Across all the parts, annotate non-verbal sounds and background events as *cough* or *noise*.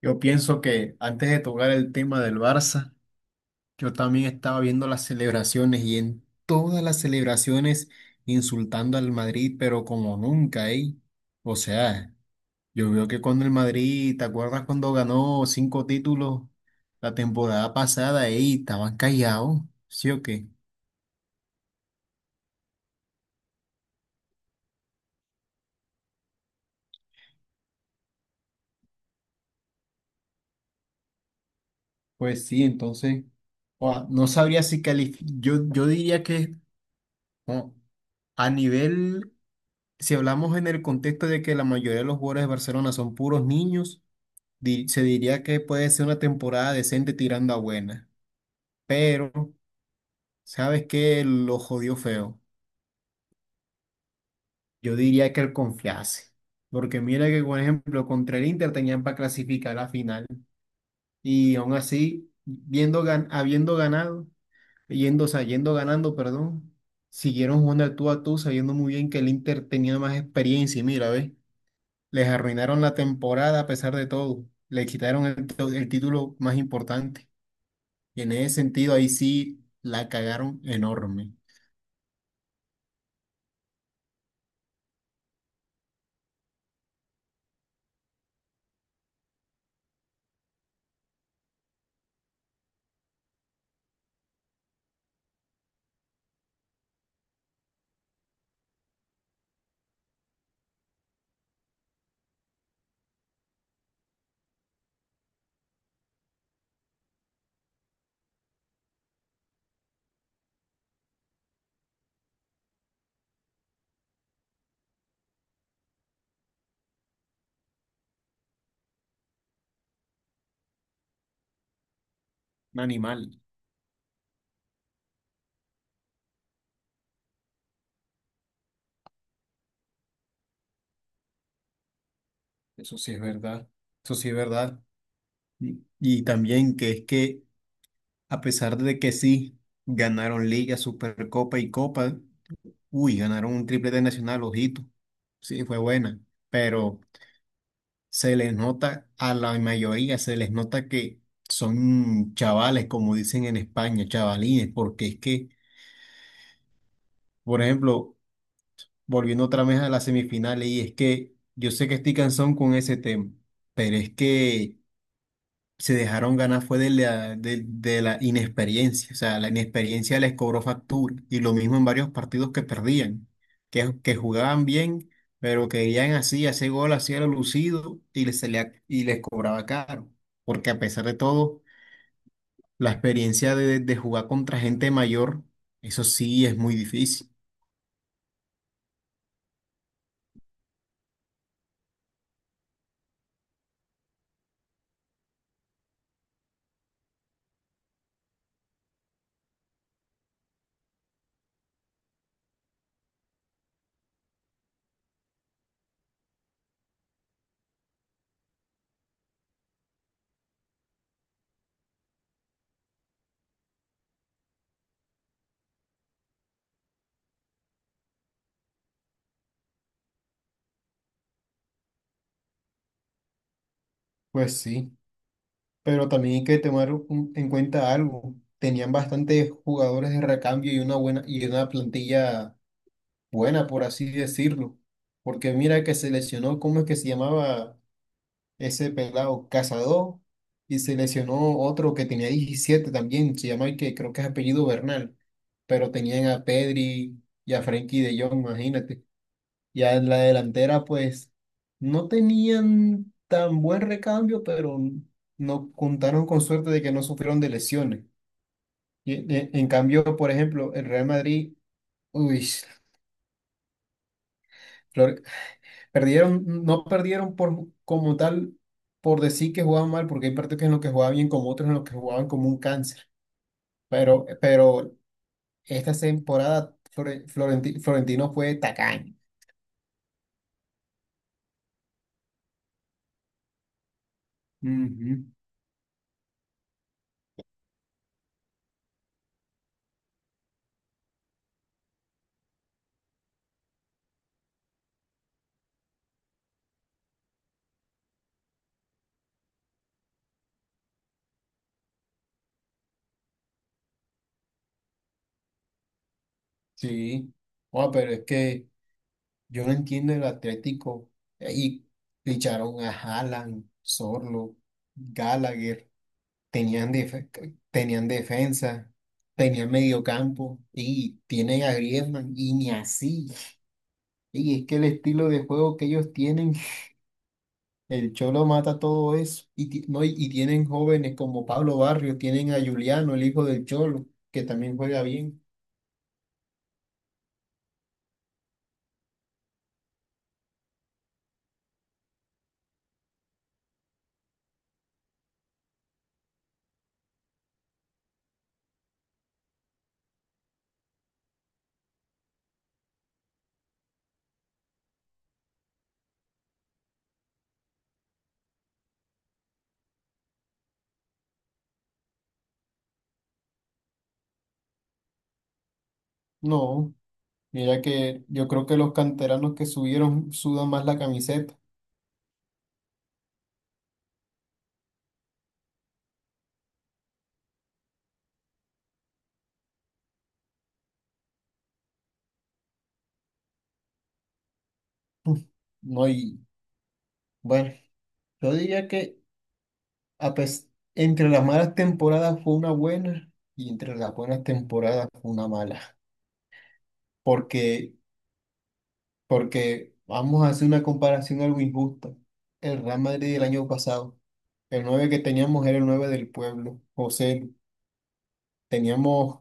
Yo pienso que antes de tocar el tema del Barça, yo también estaba viendo las celebraciones y en todas las celebraciones insultando al Madrid, pero como nunca, ¿eh? O sea, yo veo que cuando el Madrid, ¿te acuerdas cuando ganó cinco títulos la temporada pasada, eh? Estaban callados, ¿sí o qué? Pues sí, entonces, ua, no sabría si calificar, yo diría que... oh, a nivel. Si hablamos en el contexto de que la mayoría de los jugadores de Barcelona son puros niños, se diría que puede ser una temporada decente tirando a buena. Pero, ¿sabes qué? Lo jodió feo. Yo diría que él confiase. Porque mira que, por ejemplo, contra el Inter tenían para clasificar a la final. Y aún así, habiendo ganado, yendo, o sea, yendo ganando, perdón, siguieron jugando al tú a tú, sabiendo muy bien que el Inter tenía más experiencia. Y mira, ¿ves? Les arruinaron la temporada a pesar de todo. Le quitaron el título más importante. Y en ese sentido, ahí sí la cagaron enorme. Un animal. Eso sí es verdad. Eso sí es verdad. Y también que es que, a pesar de que sí ganaron Liga, Supercopa y Copa, uy, ganaron un triplete nacional, ojito. Sí, fue buena. Pero, se les nota, a la mayoría se les nota que son chavales, como dicen en España, chavalines, porque es que, por ejemplo, volviendo otra vez a las semifinales, y es que yo sé que estoy cansón con ese tema, pero es que se dejaron ganar fue de la inexperiencia, o sea, la inexperiencia les cobró factura y lo mismo en varios partidos que perdían, que jugaban bien, pero querían así, hacer gol, hacía lo lucido y les, y les cobraba caro, porque a pesar de todo, la experiencia de jugar contra gente mayor, eso sí es muy difícil. Pues sí, pero también hay que tomar en cuenta algo. Tenían bastantes jugadores de recambio y una plantilla buena, por así decirlo. Porque mira que se lesionó, ¿cómo es que se llamaba ese pelado? Cazador. Y se lesionó otro que tenía 17 también, se llama, que creo que es apellido Bernal. Pero tenían a Pedri y a Frenkie de Jong, imagínate. Ya en la delantera, pues, no tenían tan buen recambio, pero no contaron con suerte de que no sufrieron de lesiones. Y, en cambio, por ejemplo, el Real Madrid, uy, Flor- perdieron, no perdieron por, como tal por decir que jugaban mal, porque hay partidos en los que jugaban bien, como otros en los que jugaban como un cáncer. Pero esta temporada Florentino fue tacaño. Ujú. Sí. Oh, pero es que yo no entiendo el Atlético. Y ficharon a Haaland, Sorlo, Gallagher, tenían, tenían defensa, tenían mediocampo y tienen a Griezmann y ni así. Y es que el estilo de juego que ellos tienen, el Cholo mata todo eso. Y, ti- no, y tienen jóvenes como Pablo Barrio, tienen a Juliano, el hijo del Cholo, que también juega bien. No, mira que yo creo que los canteranos que subieron sudan más la camiseta. *laughs* No, y bueno, yo diría que a pes- entre las malas temporadas fue una buena y entre las buenas temporadas fue una mala. Porque Porque vamos a hacer una comparación algo injusta. El Real Madrid del año pasado, el 9 que teníamos era el 9 del pueblo, José. Teníamos,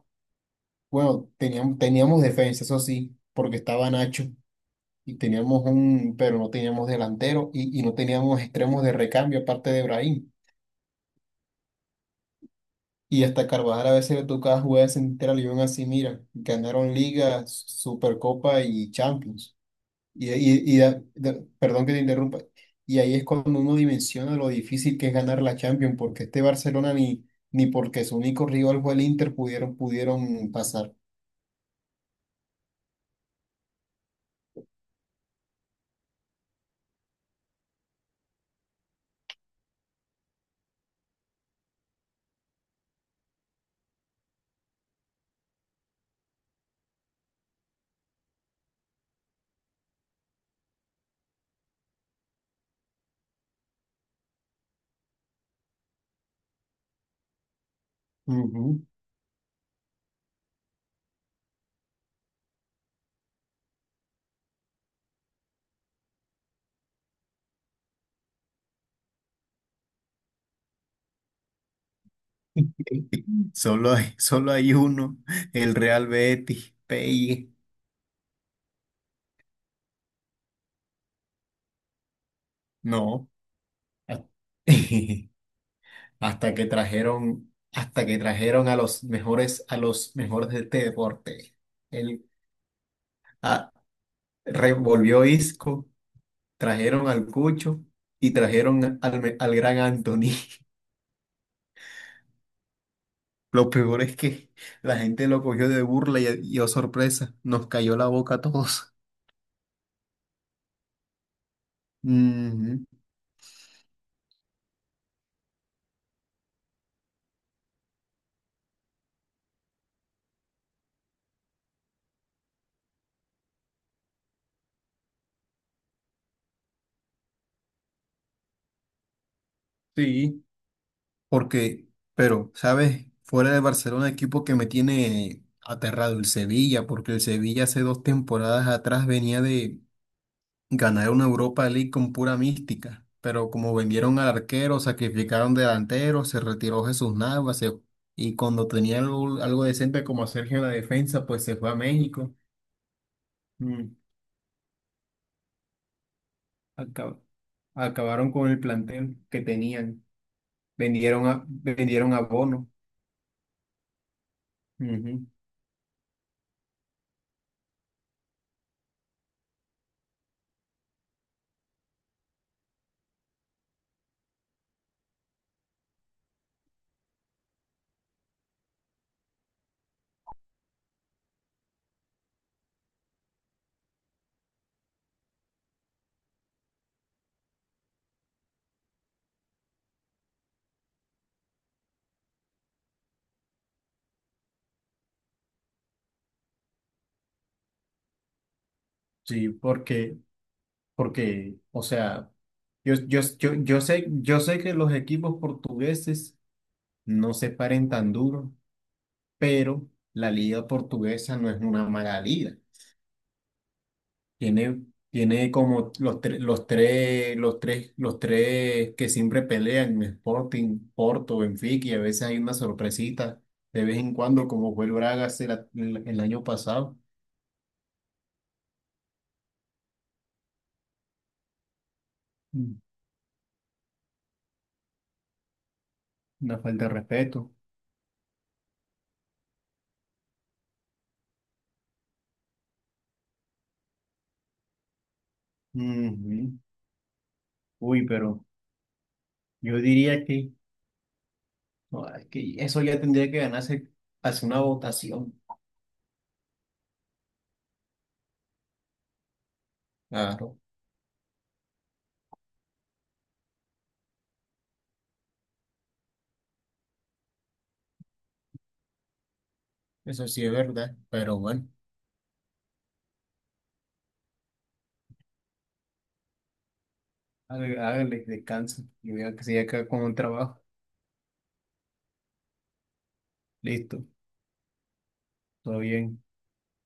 bueno, teníamos defensa, eso sí, porque estaba Nacho y teníamos un, pero no teníamos delantero y no teníamos extremos de recambio aparte de Brahim. Y hasta Carvajal a veces le tocaba jugar de central y aún así, mira, ganaron Liga, Supercopa y Champions. Perdón que te interrumpa. Y ahí es cuando uno dimensiona lo difícil que es ganar la Champions, porque este Barcelona ni porque su único rival fue el Inter pudieron pasar. Ujú. *laughs* Solo hay uno, el Real Betis, PI. No. *laughs* Hasta que trajeron a los mejores de este deporte. El, ah, revolvió Isco, trajeron al Cucho y trajeron al gran Anthony. *laughs* Lo peor es que la gente lo cogió de burla y oh sorpresa, nos cayó la boca a todos. Ujú. Sí, porque, pero, ¿sabes? Fuera de Barcelona, equipo que me tiene aterrado, el Sevilla, porque el Sevilla hace dos temporadas atrás venía de ganar una Europa League con pura mística, pero como vendieron al arquero, sacrificaron delanteros, se retiró Jesús Navas y cuando tenía algo, algo decente como Sergio en la defensa, pues se fue a México. Mm, acab- acabaron con el plantel que tenían, vendieron a Bono. Ujú. Sí, porque, o sea, yo sé que los equipos portugueses no se paren tan duro, pero la liga portuguesa no es una mala liga. Tiene, tiene como los, los tres que siempre pelean, Sporting, Porto, Benfica, y a veces hay una sorpresita de vez en cuando, como fue el Braga el año pasado. Mm. Una falta de respeto. Ujú. Uy, pero yo diría que, no, es que eso ya tendría que ganarse hace una votación. Claro, eso sí es verdad, pero bueno. Hágale, hágale, descansa y vea que se acá con un trabajo. Listo, todo bien.